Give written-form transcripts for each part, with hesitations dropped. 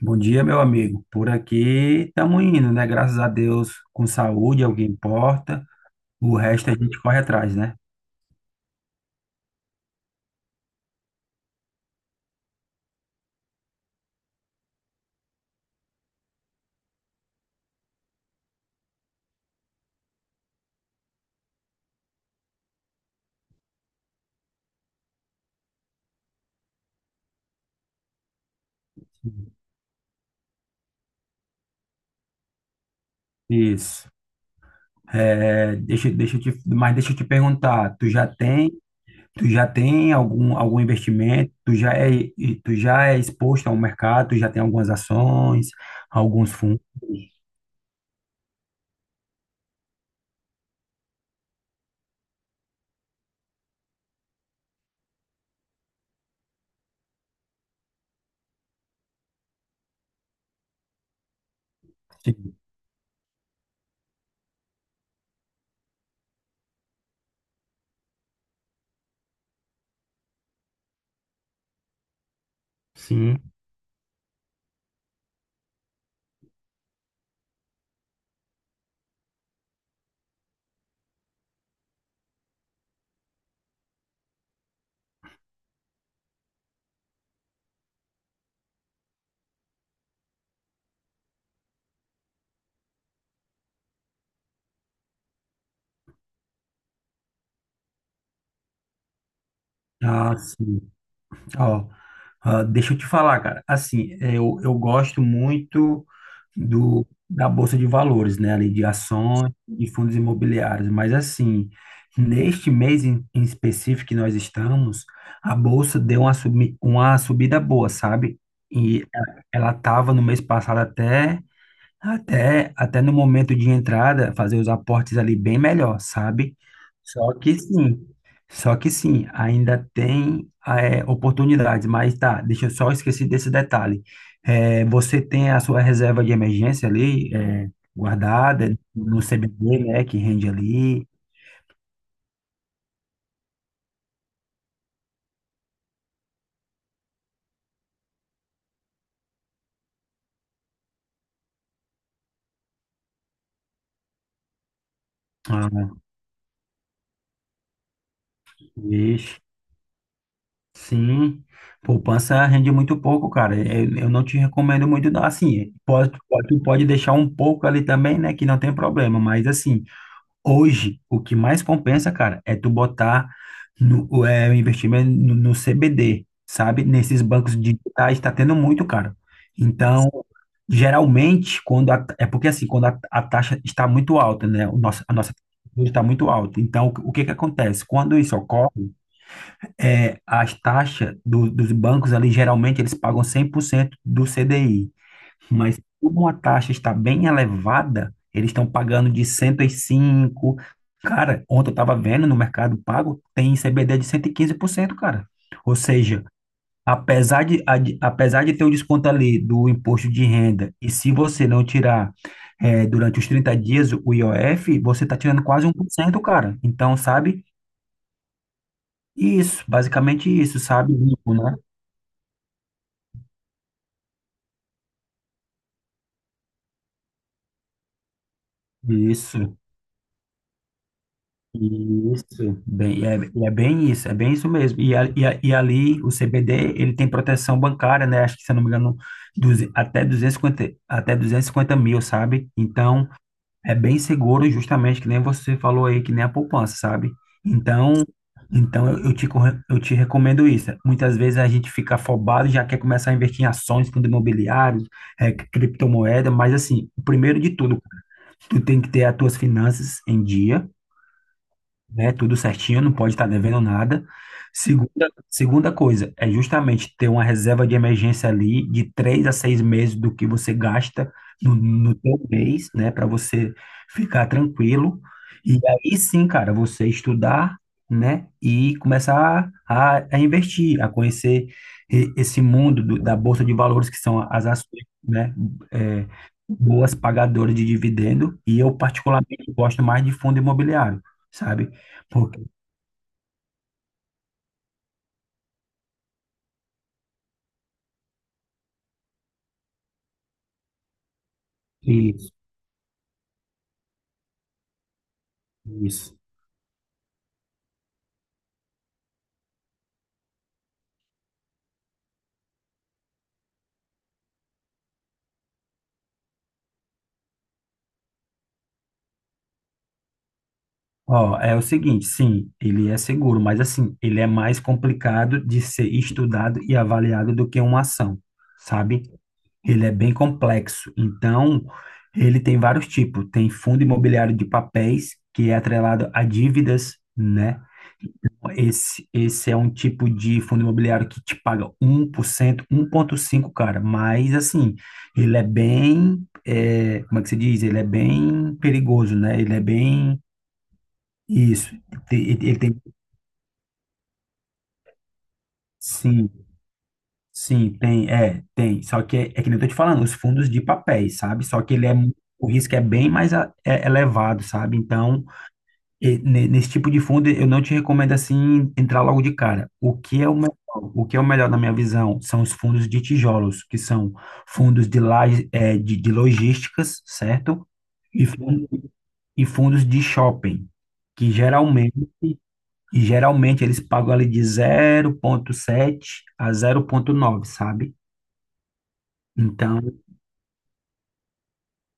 Bom dia, meu amigo. Por aqui estamos indo, né? Graças a Deus, com saúde, é o que importa. O resto a gente corre atrás, né? Isso. É, deixa mas deixa eu te perguntar, tu já tem algum investimento? E tu já é exposto ao mercado? Tu já tem algumas ações, alguns fundos? Sim. Sim. Ah, sim. Ó, ah, deixa eu te falar, cara. Assim, eu gosto muito do da Bolsa de Valores, né? Ali de ações e fundos imobiliários. Mas assim, neste mês em específico que nós estamos, a Bolsa deu uma subida boa, sabe? E ela estava no mês passado até. Até no momento de entrada, fazer os aportes ali bem melhor, sabe? Só que sim, só que sim, ainda tem oportunidades, mas tá, deixa eu só esquecer desse detalhe. É, você tem a sua reserva de emergência ali, guardada no CBB, né, que rende ali. Ah, vixe, sim, poupança rende muito pouco, cara. Eu não te recomendo muito, não. Assim, tu pode deixar um pouco ali também, né, que não tem problema, mas assim. Hoje, o que mais compensa, cara, é tu botar no, o, é, o investimento no CBD, sabe? Nesses bancos digitais está tendo muito, cara. Então, geralmente, quando a, é porque assim, quando a taxa está muito alta, né? A nossa taxa está muito alta. Então, que acontece? Quando isso ocorre, as taxas dos bancos ali, geralmente, eles pagam 100% do CDI. Mas como a taxa está bem elevada, eles estão pagando de 105. Cara, ontem eu estava vendo no Mercado Pago, tem CBD de 115%, cara. Ou seja, apesar de ter o desconto ali do imposto de renda, e se você não tirar durante os 30 dias o IOF, você está tirando quase 1%, cara. Então, sabe? Isso, basicamente isso, sabe? Limpo, né? Isso. Isso, bem, é bem isso, é bem isso mesmo. E, ali o CBD, ele tem proteção bancária, né? Acho que, se eu não me engano, até 250, até 250 mil, sabe? Então, é bem seguro, justamente, que nem você falou aí, que nem a poupança, sabe? Então, então, eu te recomendo isso. Muitas vezes a gente fica afobado, já quer começar a investir em ações, fundo imobiliário, criptomoeda, mas assim, o primeiro de tudo, tu tem que ter as tuas finanças em dia, né? Tudo certinho, não pode estar devendo nada. Segunda, segunda coisa, é justamente ter uma reserva de emergência ali de 3 a 6 meses do que você gasta no teu mês, né? Para você ficar tranquilo. E aí sim, cara, você estudar, né? E começar a investir, a conhecer esse mundo da Bolsa de Valores, que são as ações, né? é, Boas pagadoras de dividendo. E eu, particularmente, gosto mais de fundo imobiliário, sabe? Ok, isso, isso. Ó, é o seguinte, sim, ele é seguro, mas assim, ele é mais complicado de ser estudado e avaliado do que uma ação, sabe? Ele é bem complexo. Então, ele tem vários tipos. Tem fundo imobiliário de papéis, que é atrelado a dívidas, né? Esse é um tipo de fundo imobiliário que te paga um 1%, cinco cara, mas assim, ele é bem, como é que se diz? Ele é bem perigoso, né? Ele é bem, isso, ele, ele tem, sim, sim, tem, tem, só que é que nem eu tô te falando, os fundos de papéis, sabe? Só que ele é, o risco é bem mais é elevado, sabe? Então, e nesse tipo de fundo, eu não te recomendo assim entrar logo de cara. O que é o melhor, o que é o melhor na minha visão são os fundos de tijolos, que são fundos de, laje- eh, de logísticas, certo? E, e fundos de shopping, que geralmente eles pagam ali de 0,7 a 0,9, sabe? Então,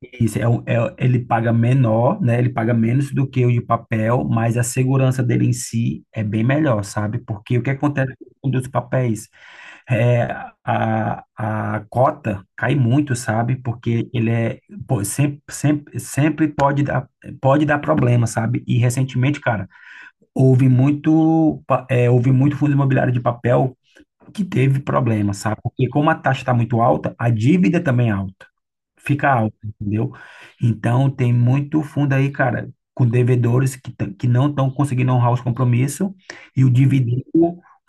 isso, ele paga menor, né? Ele paga menos do que o de papel, mas a segurança dele em si é bem melhor, sabe? Porque o que acontece com os papéis? É, a cota cai muito, sabe? Porque ele é, pô, sempre, sempre, sempre pode dar, problema, sabe? E recentemente, cara, houve muito fundo imobiliário de papel que teve problema, sabe? Porque como a taxa está muito alta, a dívida também é alta fica alto, entendeu? Então tem muito fundo aí, cara, com devedores que não estão conseguindo honrar os compromissos e o dividendo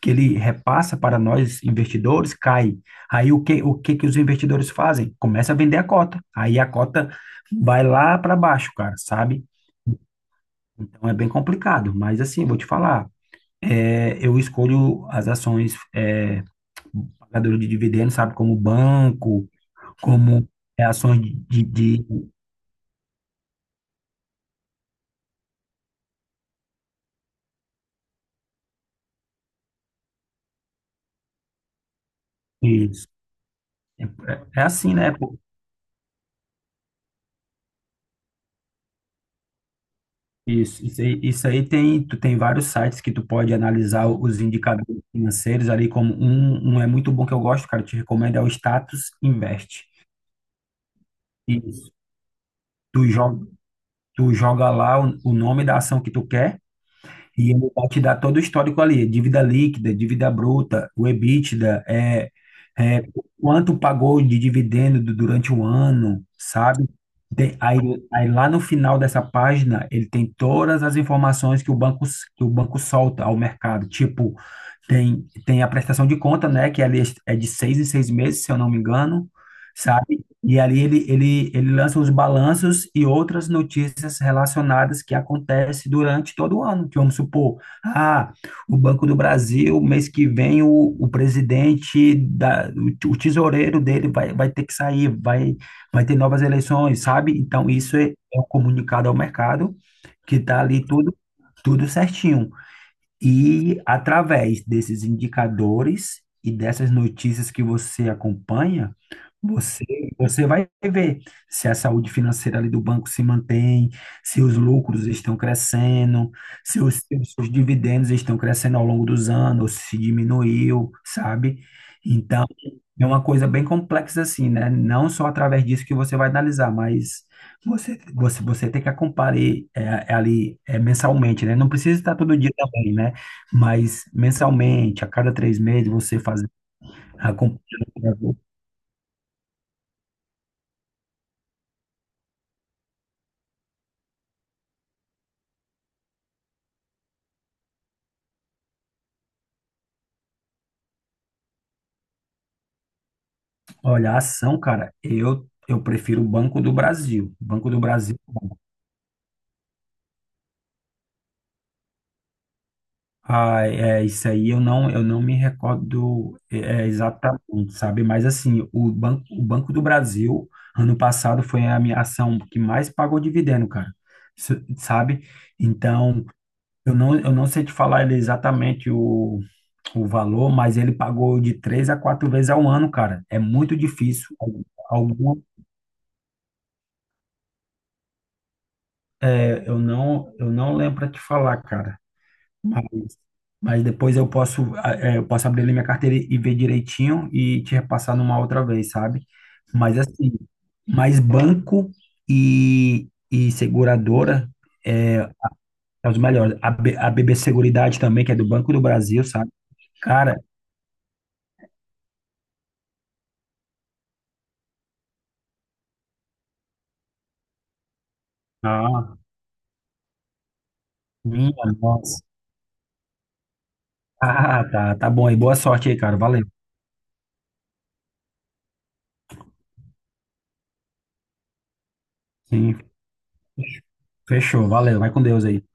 que ele repassa para nós investidores cai. Aí o que que os investidores fazem? Começa a vender a cota. Aí a cota vai lá para baixo, cara, sabe? Então é bem complicado, mas assim, vou te falar, eu escolho as ações, pagadoras de dividendos, sabe, como banco, como ações de- é assim, né? Pô? Isso, isso aí tem, tu tem vários sites que tu pode analisar os indicadores financeiros ali, como um é muito bom que eu gosto, cara, eu te recomendo, é o Status Invest. Isso. Tu joga, tu joga lá o nome da ação que tu quer. E ele vai te dar todo o histórico ali, dívida líquida, dívida bruta, o EBITDA, é, quanto pagou de dividendo durante o ano, sabe? Tem- aí, aí lá no final dessa página, ele tem todas as informações que o banco, que o banco solta ao mercado. Tipo, tem a prestação de conta, né? Que ali é de 6 em 6 meses, se eu não me engano, sabe? E ali ele lança os balanços e outras notícias relacionadas que acontecem durante todo o ano. Que vamos supor, ah, o Banco do Brasil, mês que vem, o presidente, o tesoureiro dele vai ter que sair, vai ter novas eleições, sabe? Então, isso é um comunicado ao mercado, que está ali tudo certinho. E através desses indicadores e dessas notícias que você acompanha, você, você vai ver se a saúde financeira ali do banco se mantém, se os lucros estão crescendo, se os seus dividendos estão crescendo ao longo dos anos, se diminuiu, sabe? Então, é uma coisa bem complexa assim, né? Não só através disso que você vai analisar, mas você tem que acompanhar ali mensalmente, né? Não precisa estar todo dia também, né? Mas mensalmente, a cada 3 meses, você fazer acompanhamento. Olha, a ação, cara, eu prefiro o Banco do Brasil. Banco do Brasil. Ah, isso aí eu não me recordo exatamente, sabe? Mas assim, o Banco do Brasil, ano passado, foi a minha ação que mais pagou dividendo, cara. Sabe? Então, eu não sei te falar exatamente o valor, mas ele pagou de 3 a 4 vezes ao ano, cara. É muito difícil. Algum, eu não lembro para te falar, cara. Mas, mas, depois eu posso, eu posso abrir ali minha carteira e ver direitinho e te repassar numa outra vez, sabe? Mas assim, mas banco e seguradora é, é os melhores. A BB Seguridade também, que é do Banco do Brasil, sabe? Cara, ah, minha nossa. Ah, tá, tá bom aí. Boa sorte aí, cara. Valeu. Sim, fechou. Valeu. Vai com Deus aí.